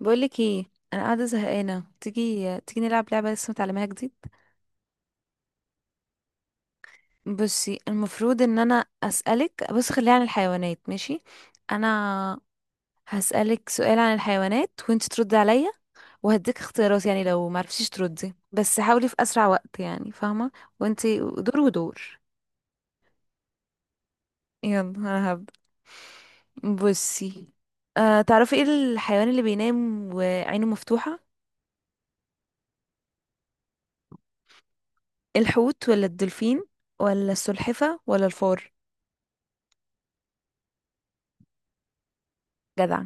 بقولك ايه؟ انا قاعده زهقانه، تيجي تيجي نلعب لعبه لسه متعلماها جديد. بصي، المفروض ان انا اسالك، بص خليها عن الحيوانات، ماشي؟ انا هسالك سؤال عن الحيوانات وانت تردي عليا وهديك اختيارات. يعني لو ما عرفتيش تردي بس حاولي في اسرع وقت، يعني فاهمه؟ وانت دور ودور. يلا انا هبدا. بصي، تعرفي ايه الحيوان اللي بينام وعينه مفتوحه؟ الحوت ولا الدولفين؟ ولا السلحفه ولا الفار؟ جدع.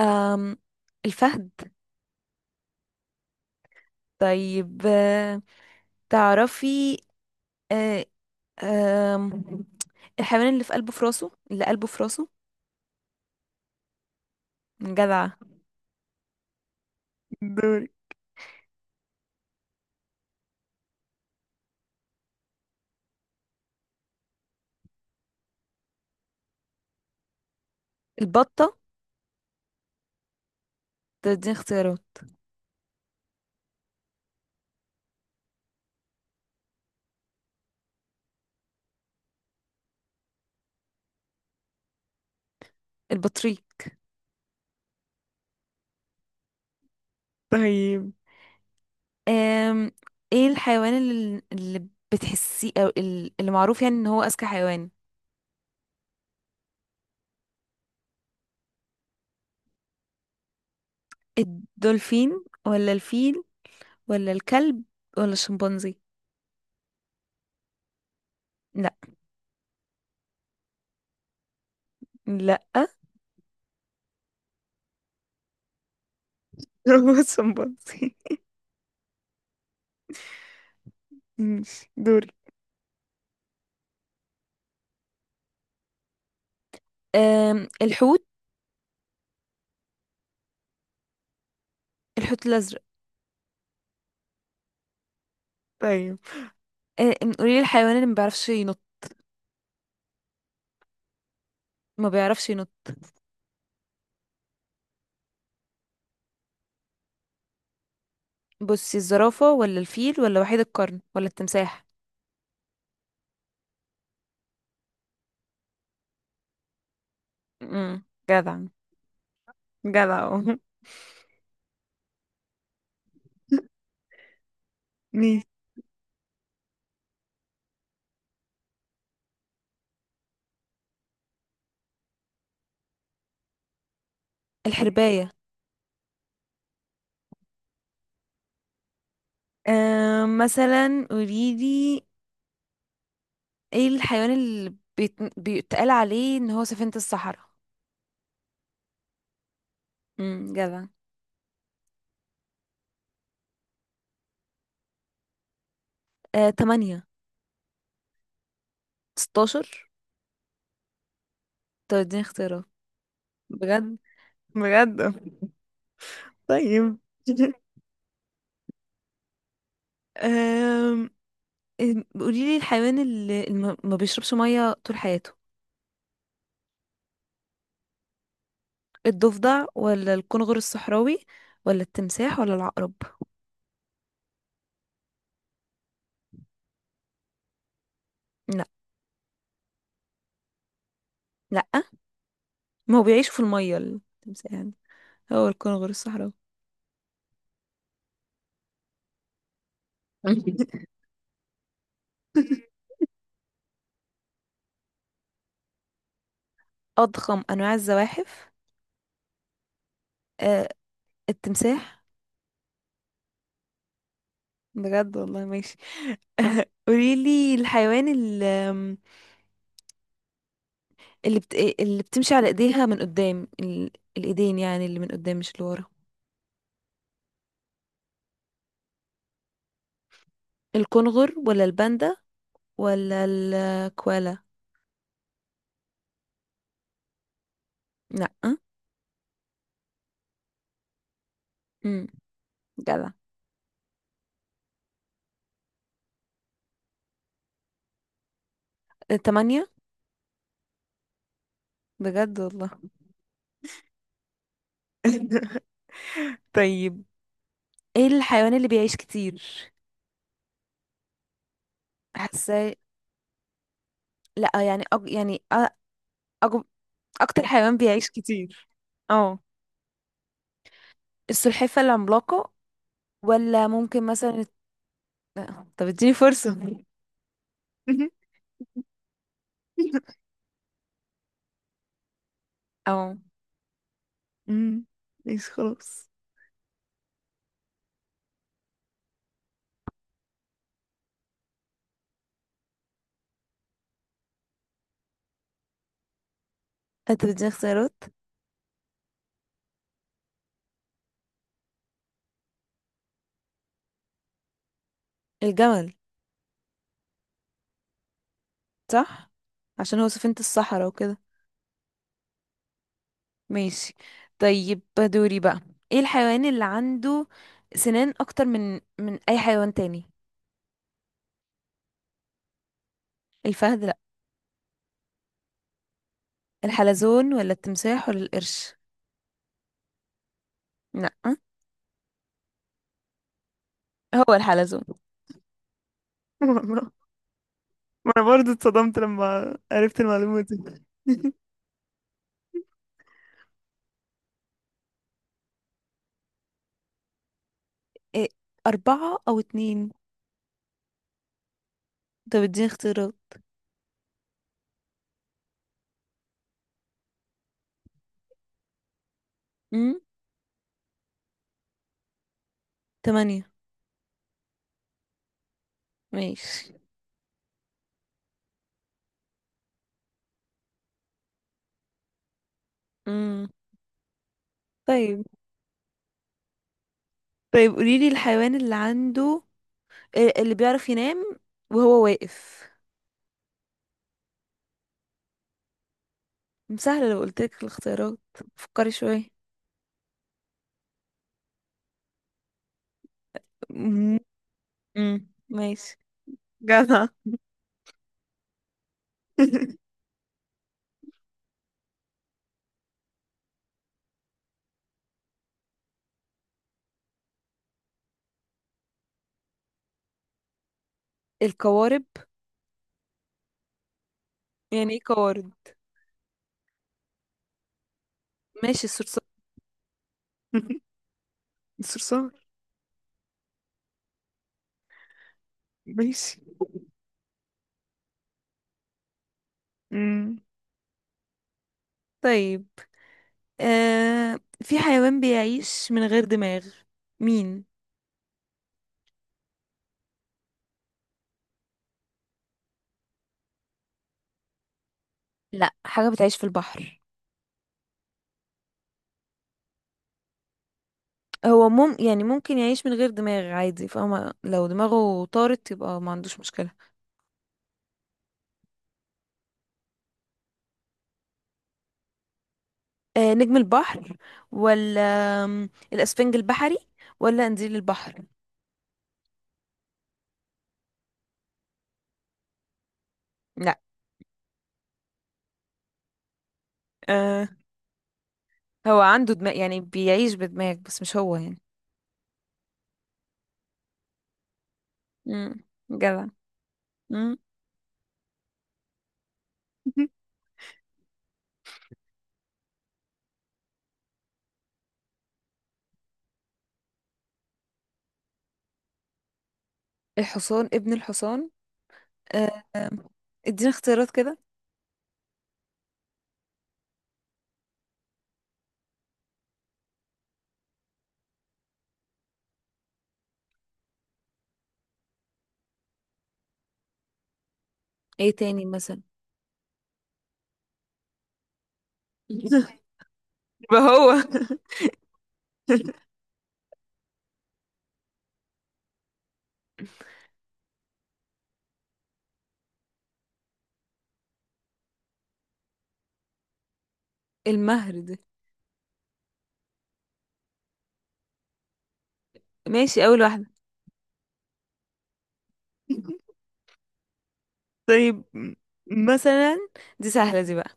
أم الفهد. طيب تعرفي آه، آم، الحيوان اللي قلبه في راسه. جدعة. دوري. البطة. دي اختيارات. البطريق. طيب أم ايه الحيوان اللي بتحسيه او اللي معروف يعني ان هو اذكى حيوان؟ الدولفين ولا الفيل؟ ولا الكلب ولا الشمبانزي؟ لا. لا. هو الشمبانزي. ماشي، دوري. الحوت. الحوت الازرق. ايوه. قولي لي الحيوان اللي ما بيعرفش ينط. ما بيعرفش ينط. بصي، الزرافة ولا الفيل ولا وحيد القرن ولا التمساح؟ امم. جدع. جدع أهو. ماشي. الحرباية. مثلا قولي لي، ايه الحيوان اللي بيتقال عليه ان هو سفينة الصحراء؟ امم. جدع. 8. 16. طب اديني اختيارات. بجد؟ بجد؟ طيب. آم، إم، قولي لي الحيوان اللي ما بيشربش ميه طول حياته. الضفدع ولا الكنغر الصحراوي؟ ولا التمساح ولا العقرب؟ لا. لا، ما هو بيعيش في الميه التمساح يعني. هو الكنغر الصحراوي. اضخم انواع الزواحف؟ آه التمساح. بجد والله. ماشي. قولي لي الحيوان اللي، اللي بتمشي على ايديها من قدام الايدين. يعني اللي من قدام مش اللي ورا. الكنغر ولا الباندا؟ ولا الكوالا؟ لأ. امم. جدع. تمانية. بجد والله. طيب، ايه الحيوان اللي بيعيش كتير؟ حاسه. لأ يعني يعني أج... اكتر حيوان بيعيش كتير. اه. السلحفة العملاقة، ولا ممكن مثلا طب اديني فرصة. اه. مم. ماشي خلاص. انت بتديني اختيارات. الجمل. صح، عشان هو سفينة الصحراء وكده. ماشي. طيب دوري بقى. ايه الحيوان اللي عنده سنان اكتر من اي حيوان تاني؟ الفهد لا. الحلزون ولا التمساح ولا القرش؟ لا. هو الحلزون. ما انا برضه اتصدمت لما عرفت المعلومة دي. إيه، 4 أو 2. طب اديني اختيارات. امم 8. ماشي. امم. طيب. طيب قوليلي الحيوان اللي عنده إيه، اللي بيعرف ينام وهو واقف. سهلة لو قلتلك الاختيارات. فكري شوية. مم. مم. ماشي، جدع. القوارب. يعني ايه قوارب؟ ماشي، الصرصار. الصرصار. ماشي. مم. طيب في حيوان بيعيش من غير دماغ. مين؟ لا، حاجة بتعيش في البحر. هو يعني ممكن يعيش من غير دماغ عادي، فاهمة؟ لو دماغه طارت يبقى ما عندوش مشكلة. نجم البحر، ولا الأسفنج البحري، ولا قنديل البحر. لا. آه هو عنده دماغ يعني بيعيش بدماغ بس مش هو يعني. امم. جدع. امم. الحصان ابن الحصان؟ آه آه، ادينا اختيارات كده. ايه تاني مثلا؟ يبقى هو المهر ده. ماشي، اول واحدة. طيب مثلا. دي سهلة دي بقى.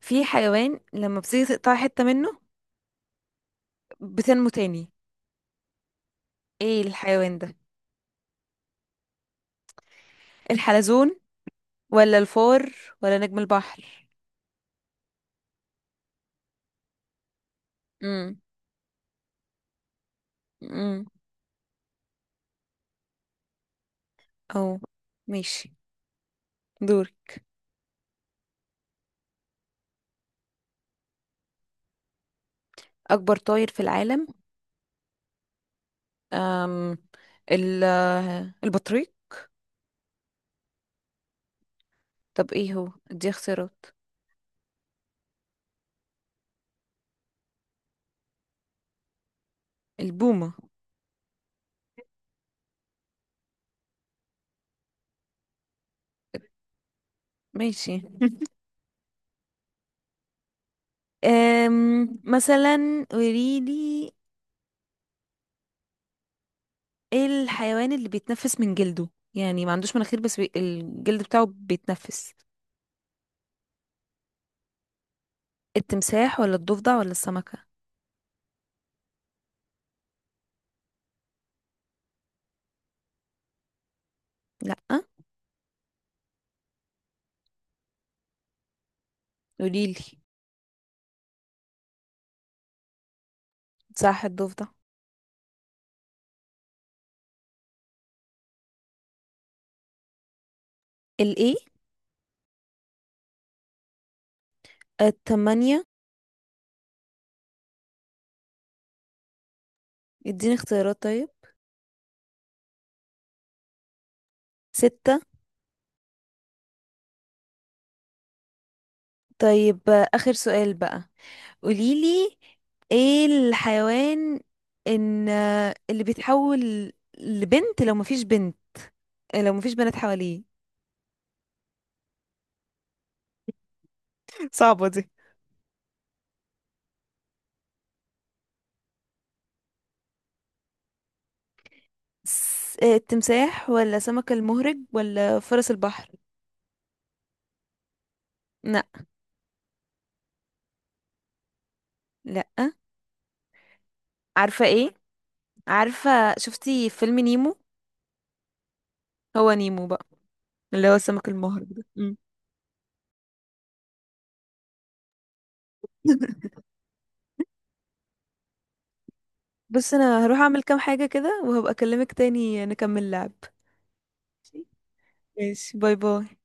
في حيوان لما بتيجي تقطع حتة منه بتنمو تاني. ايه الحيوان ده؟ الحلزون ولا الفار ولا نجم البحر. امم. او، ماشي، دوري. اكبر طائر في العالم؟ أم ال البطريق. طب ايه هو، دي اختيارات. البومة. ماشي. مثلا قوليلي ايه الحيوان اللي بيتنفس من جلده؟ يعني ما عندوش مناخير بس الجلد بتاعه بيتنفس. التمساح ولا الضفدع ولا السمكة؟ لا. قوليلي. صح، الضفدع. الايه؟ التمانية. اديني اختيارات طيب. 6. طيب آخر سؤال بقى. قوليلي ايه الحيوان، ان اللي بيتحول لبنت لو مفيش بنت، لو مفيش بنات حواليه. صعبة دي. التمساح ولا سمك المهرج ولا فرس البحر؟ لا. لا. عارفة ايه؟ عارفة، شفتي فيلم نيمو؟ هو نيمو بقى، اللي هو السمك المهرج ده. مم. بص، انا هروح اعمل كام حاجة كده وهبقى اكلمك تاني نكمل لعب. ماشي، باي باي.